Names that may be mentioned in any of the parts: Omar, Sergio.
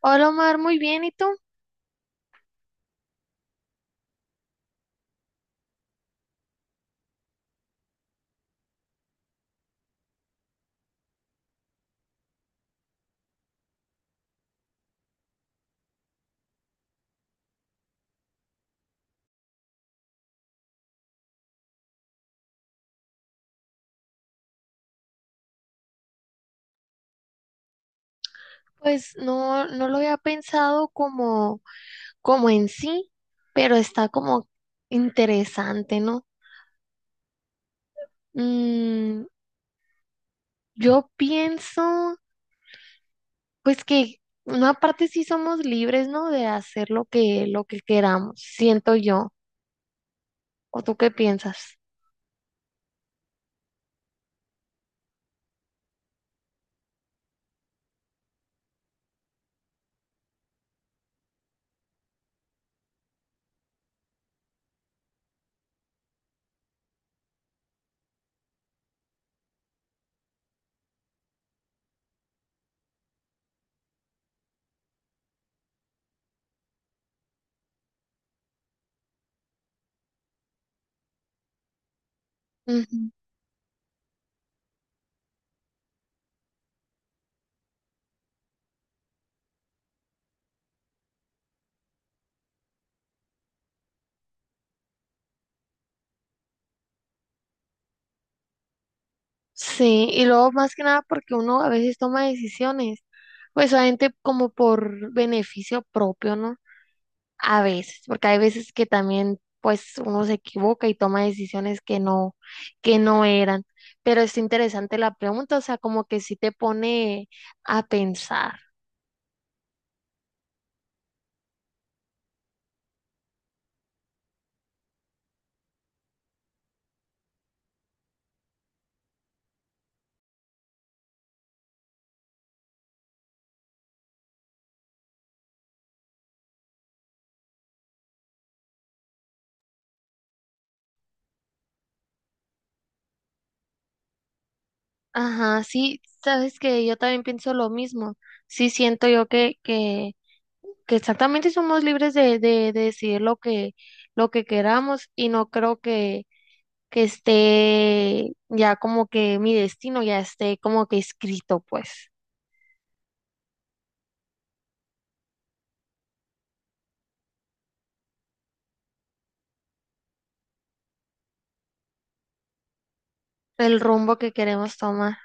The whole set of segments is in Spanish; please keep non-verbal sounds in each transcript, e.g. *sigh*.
Hola Omar, muy bien, ¿y tú? Pues no, no lo había pensado como, como en sí, pero está como interesante, ¿no? Mm, yo pienso, pues que una parte sí somos libres, ¿no? De hacer lo que queramos, siento yo. ¿O tú qué piensas? Ujú. Sí, y luego más que nada porque uno a veces toma decisiones, pues obviamente como por beneficio propio, ¿no? A veces, porque hay veces que también pues uno se equivoca y toma decisiones que no eran. Pero es interesante la pregunta, o sea, como que sí te pone a pensar. Ajá, sí, sabes que yo también pienso lo mismo. Sí siento yo que exactamente somos libres de decidir lo que queramos y no creo que esté ya como que mi destino ya esté como que escrito, pues, el rumbo que queremos tomar.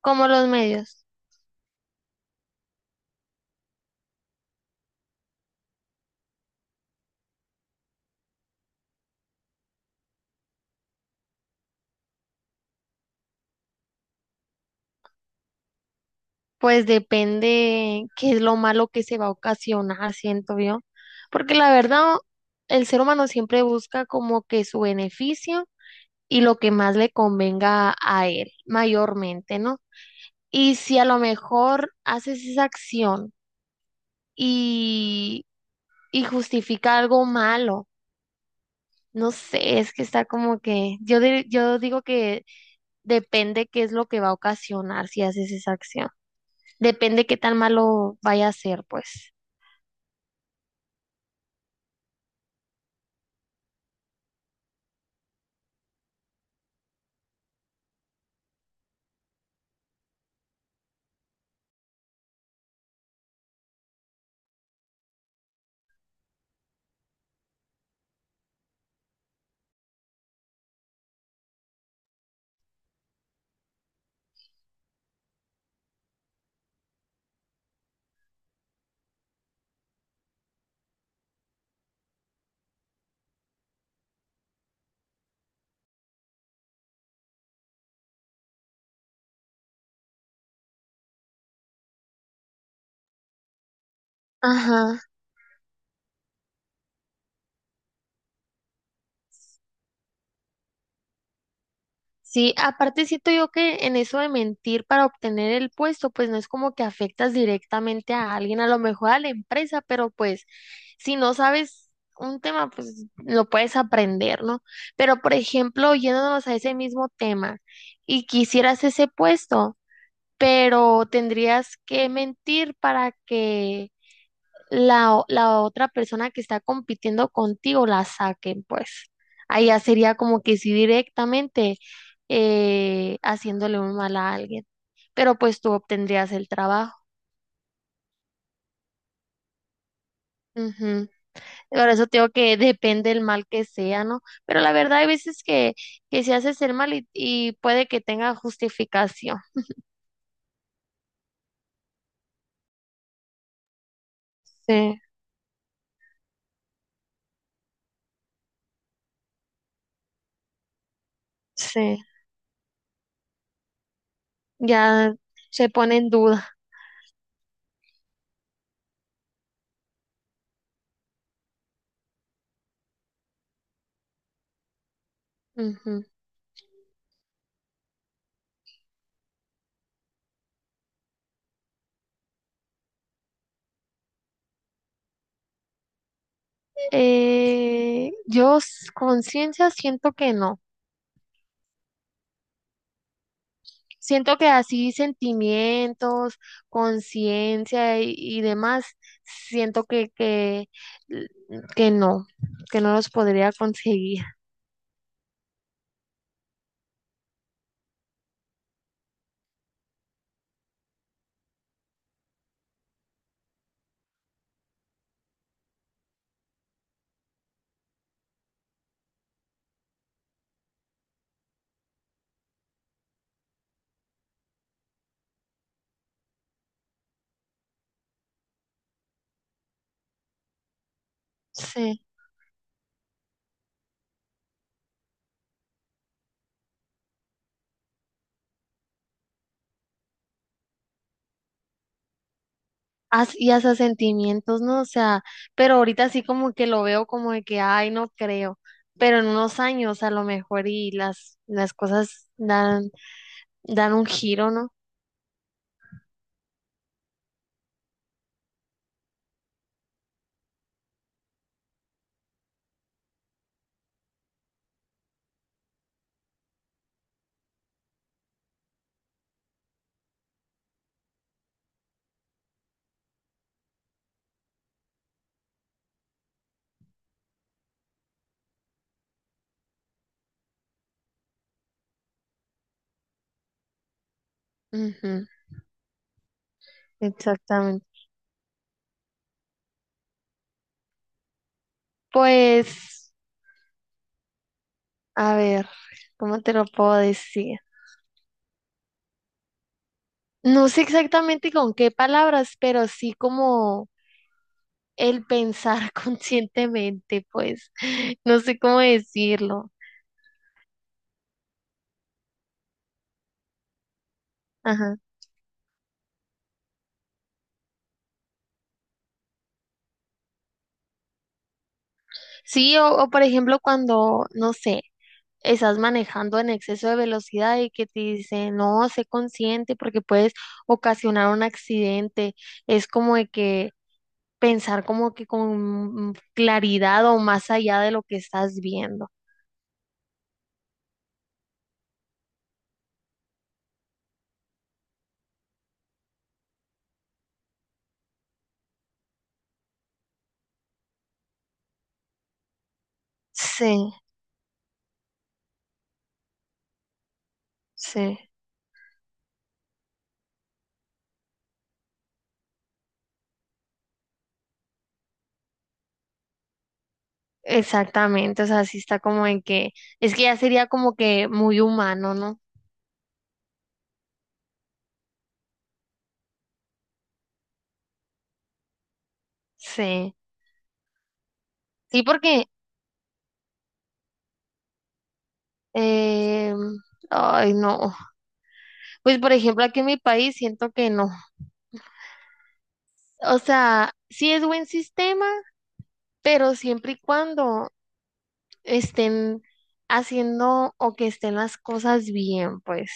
Como los medios, pues depende qué es lo malo que se va a ocasionar, siento yo. Porque la verdad, el ser humano siempre busca como que su beneficio y lo que más le convenga a él, mayormente, ¿no? Y si a lo mejor haces esa acción y, y justifica algo malo, no sé, es que está como que, yo, yo digo que depende qué es lo que va a ocasionar si haces esa acción. Depende qué tan malo vaya a ser, pues. Ajá. Sí, aparte siento yo que en eso de mentir para obtener el puesto, pues no es como que afectas directamente a alguien, a lo mejor a la empresa, pero pues si no sabes un tema, pues lo puedes aprender, ¿no? Pero por ejemplo, yéndonos a ese mismo tema y quisieras ese puesto, pero tendrías que mentir para que la otra persona que está compitiendo contigo la saquen, pues. Ahí ya sería como que sí directamente haciéndole un mal a alguien, pero pues tú obtendrías el trabajo. Ujú. Por eso te digo que depende el mal que sea, ¿no? Pero la verdad hay veces que se hace el mal y puede que tenga justificación. Sí, sí, ya se pone en duda. Ujú. Conciencia siento que no. Siento que así sentimientos, conciencia y demás, siento que no, que no los podría conseguir. Sí. Y hasta sentimientos, ¿no? O sea, pero ahorita sí como que lo veo como de que, ay, no creo. Pero en unos años a lo mejor y las cosas dan un giro, ¿no? Ujú, exactamente. Pues, a ver, ¿cómo te lo puedo decir? No sé exactamente con qué palabras, pero sí como el pensar *laughs* conscientemente, pues no sé cómo decirlo. Ajá. Sí, o por ejemplo cuando, no sé, estás manejando en exceso de velocidad y que te dicen, no, sé consciente porque puedes ocasionar un accidente. Es como de que pensar como que con claridad o más allá de lo que estás viendo. Sí, sí. Exactamente, o sea, sí está como en que, es que ya sería como que muy humano, ¿no? Sí, sí, porque, eh, ay, no, pues por ejemplo aquí en mi país siento que no, o sea, sí es buen sistema, pero siempre y cuando estén haciendo o que estén las cosas bien, pues,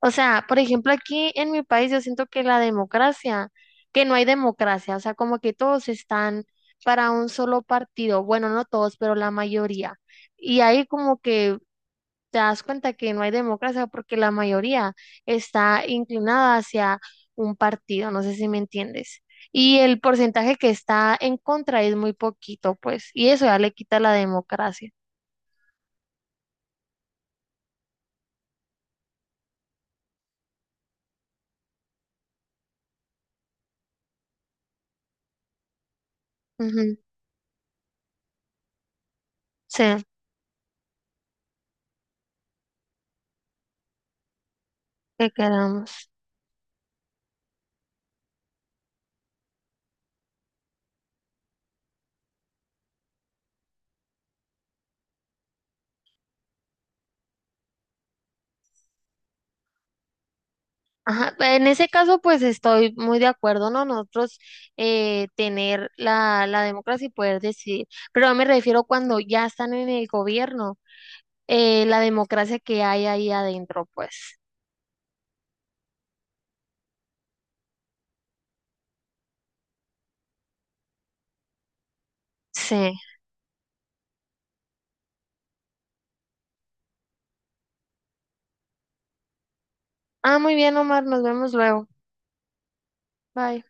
o sea, por ejemplo, aquí en mi país yo siento que la democracia, que no hay democracia, o sea, como que todos están para un solo partido, bueno, no todos, pero la mayoría. Y ahí como que te das cuenta que no hay democracia porque la mayoría está inclinada hacia un partido, no sé si me entiendes. Y el porcentaje que está en contra es muy poquito, pues, y eso ya le quita la democracia. Ujú, sí, que quedamos. Ajá, en ese caso, pues estoy muy de acuerdo, ¿no? Nosotros tener la democracia y poder decidir, pero no me refiero cuando ya están en el gobierno, la democracia que hay ahí adentro, pues. Sí. Ah, muy bien, Omar, nos vemos luego. Bye.